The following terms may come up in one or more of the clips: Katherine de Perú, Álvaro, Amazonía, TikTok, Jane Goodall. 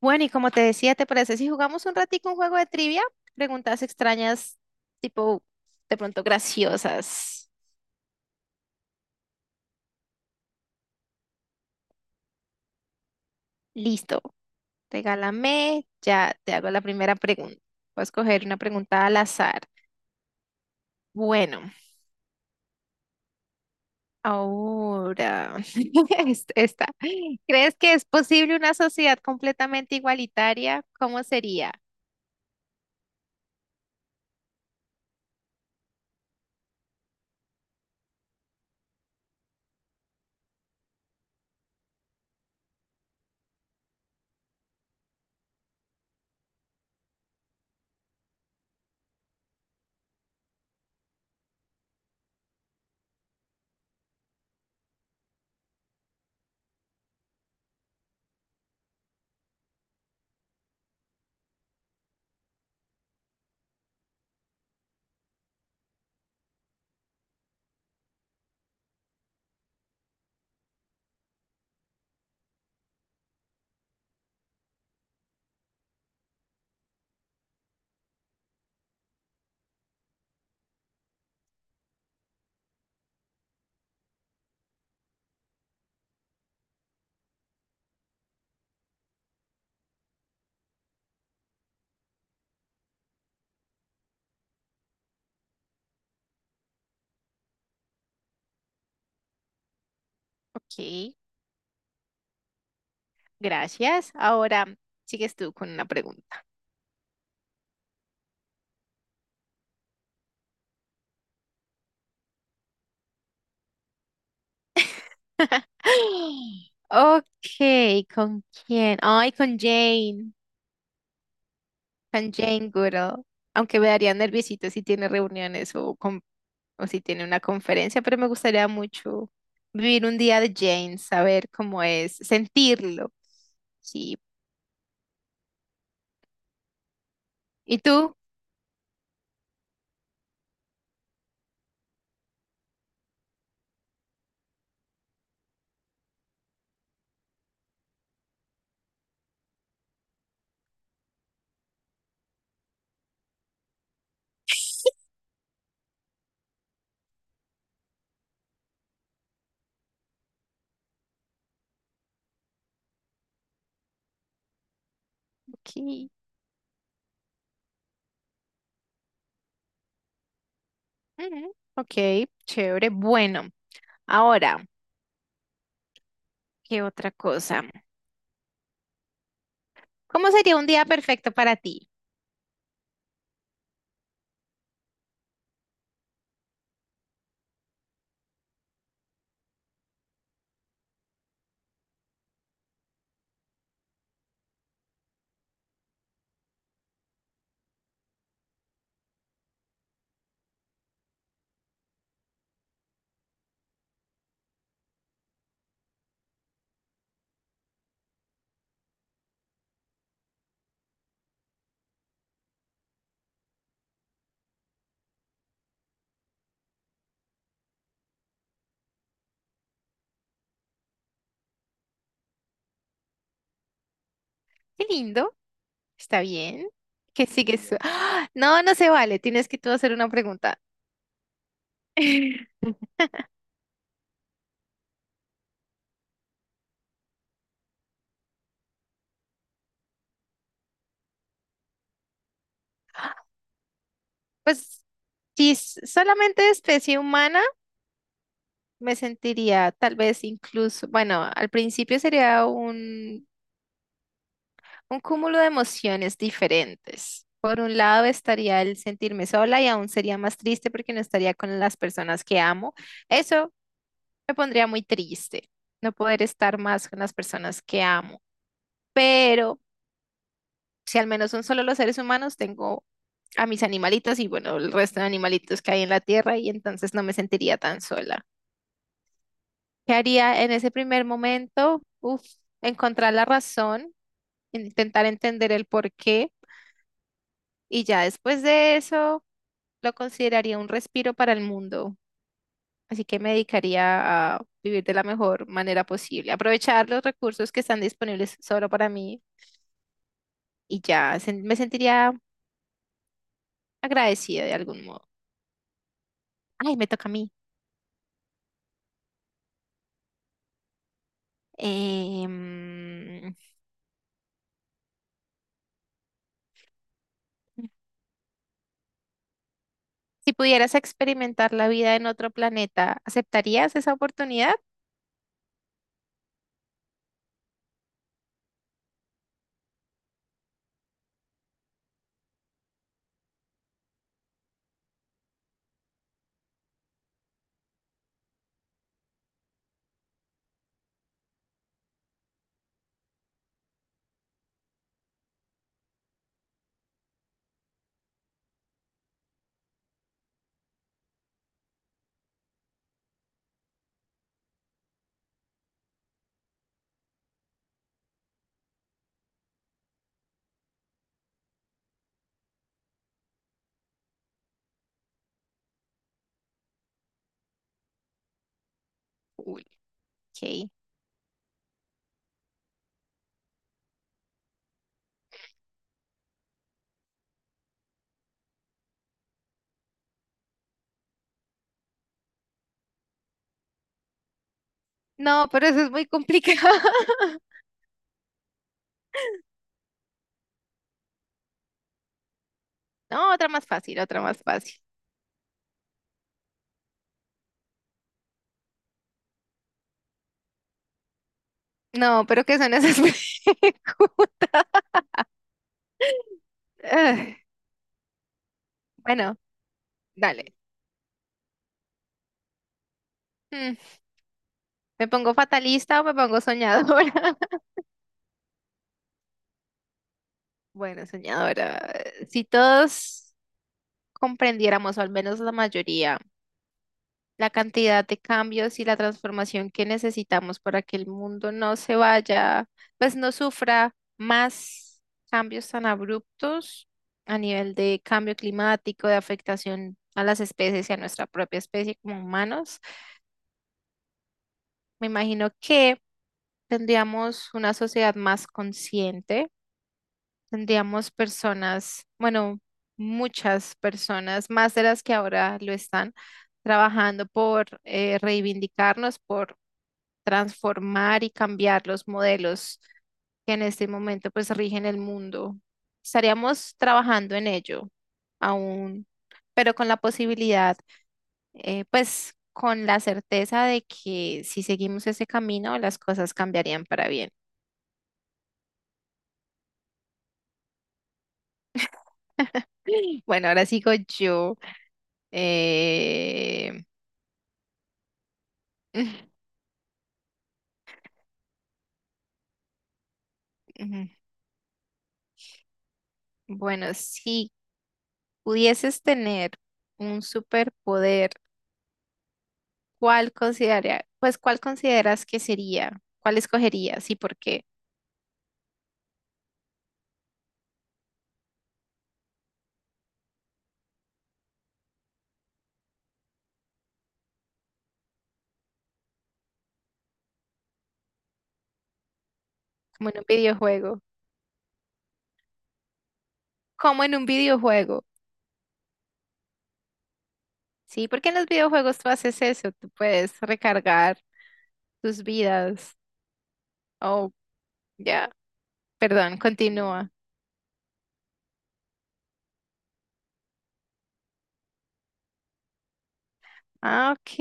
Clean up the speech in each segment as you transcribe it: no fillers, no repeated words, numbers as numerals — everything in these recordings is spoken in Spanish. Bueno, y como te decía, ¿te parece si jugamos un ratico un juego de trivia? Preguntas extrañas, tipo, de pronto graciosas. Listo, regálame, ya te hago la primera pregunta. Voy a escoger una pregunta al azar. Bueno, ahora, esta. ¿Crees que es posible una sociedad completamente igualitaria? ¿Cómo sería? Ok, gracias. Ahora sigues tú con una pregunta. Ok, ¿con quién? Ay, con Jane Goodall. Aunque me daría nerviosito si tiene reuniones o, o si tiene una conferencia, pero me gustaría mucho vivir un día de Jane, saber cómo es, sentirlo. Sí. ¿Y tú? Ok, ujú, ok, chévere. Bueno, ahora, ¿qué otra cosa? ¿Cómo sería un día perfecto para ti? Qué lindo. ¿Está bien? Que sigue su... ¡Ah! No, no se vale. Tienes que tú hacer una pregunta. Pues si solamente especie humana, me sentiría tal vez incluso, bueno, al principio sería un cúmulo de emociones diferentes. Por un lado estaría el sentirme sola y aún sería más triste porque no estaría con las personas que amo. Eso me pondría muy triste, no poder estar más con las personas que amo. Pero si al menos son solo los seres humanos, tengo a mis animalitos y bueno, el resto de animalitos que hay en la tierra y entonces no me sentiría tan sola. ¿Qué haría en ese primer momento? Uf, encontrar la razón, intentar entender el porqué y ya después de eso lo consideraría un respiro para el mundo. Así que me dedicaría a vivir de la mejor manera posible, aprovechar los recursos que están disponibles solo para mí y me sentiría agradecida de algún modo. Ay, me toca a mí. Em, si pudieras experimentar la vida en otro planeta, ¿aceptarías esa oportunidad? Uy, ok. No, pero eso es muy complicado. No, otra más fácil, otra más fácil. No, pero ¿qué son esas preguntas? Ay, bueno, dale. Mm, ¿me pongo fatalista o me pongo soñadora? Bueno, soñadora, si todos comprendiéramos, o al menos la mayoría, la cantidad de cambios y la transformación que necesitamos para que el mundo no se vaya, pues no sufra más cambios tan abruptos a nivel de cambio climático, de afectación a las especies y a nuestra propia especie como humanos. Me imagino que tendríamos una sociedad más consciente, tendríamos personas, bueno, muchas personas, más de las que ahora lo están, trabajando por reivindicarnos, por transformar y cambiar los modelos que en este momento pues rigen el mundo. Estaríamos trabajando en ello aún, pero con la posibilidad, pues con la certeza de que si seguimos ese camino, las cosas cambiarían para bien. Bueno, ahora sigo yo. Eh, Bueno, si pudieses tener un superpoder, ¿cuál consideraría, pues cuál consideras que sería? ¿Cuál escogerías y por qué? Como en un videojuego. Como en un videojuego. Sí, porque en los videojuegos tú haces eso, tú puedes recargar tus vidas. Oh, ya. Perdón, continúa. Ah, ok.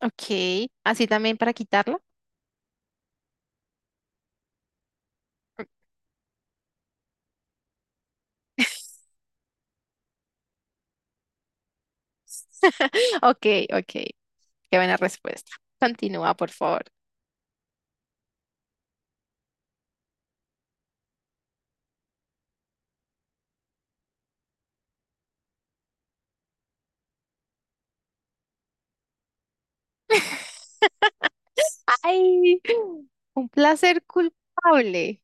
Ok. Así también para quitarlo. Ok, ok. Qué buena respuesta. Continúa, por favor. Ay, un placer culpable.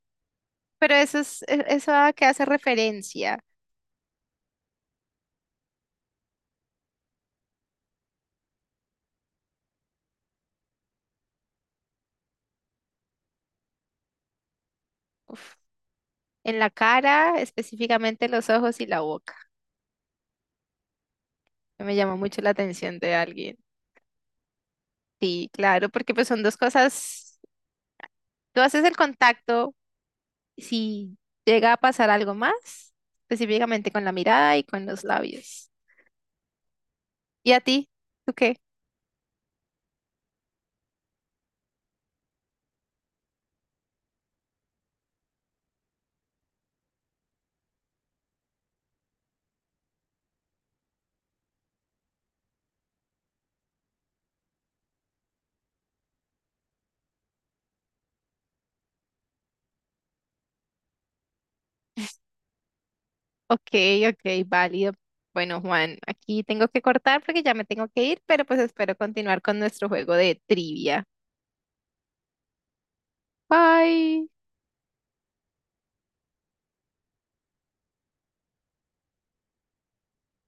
Pero eso es, eso a qué hace referencia. En la cara, específicamente los ojos y la boca. Que me llama mucho la atención de alguien. Sí, claro, porque pues son dos cosas. Tú haces el contacto, si llega a pasar algo más, específicamente con la mirada y con los labios. ¿Y a ti? ¿Tú qué? Ok, ok, válido. Bueno, Juan, aquí tengo que cortar porque ya me tengo que ir, pero pues espero continuar con nuestro juego de trivia. Bye.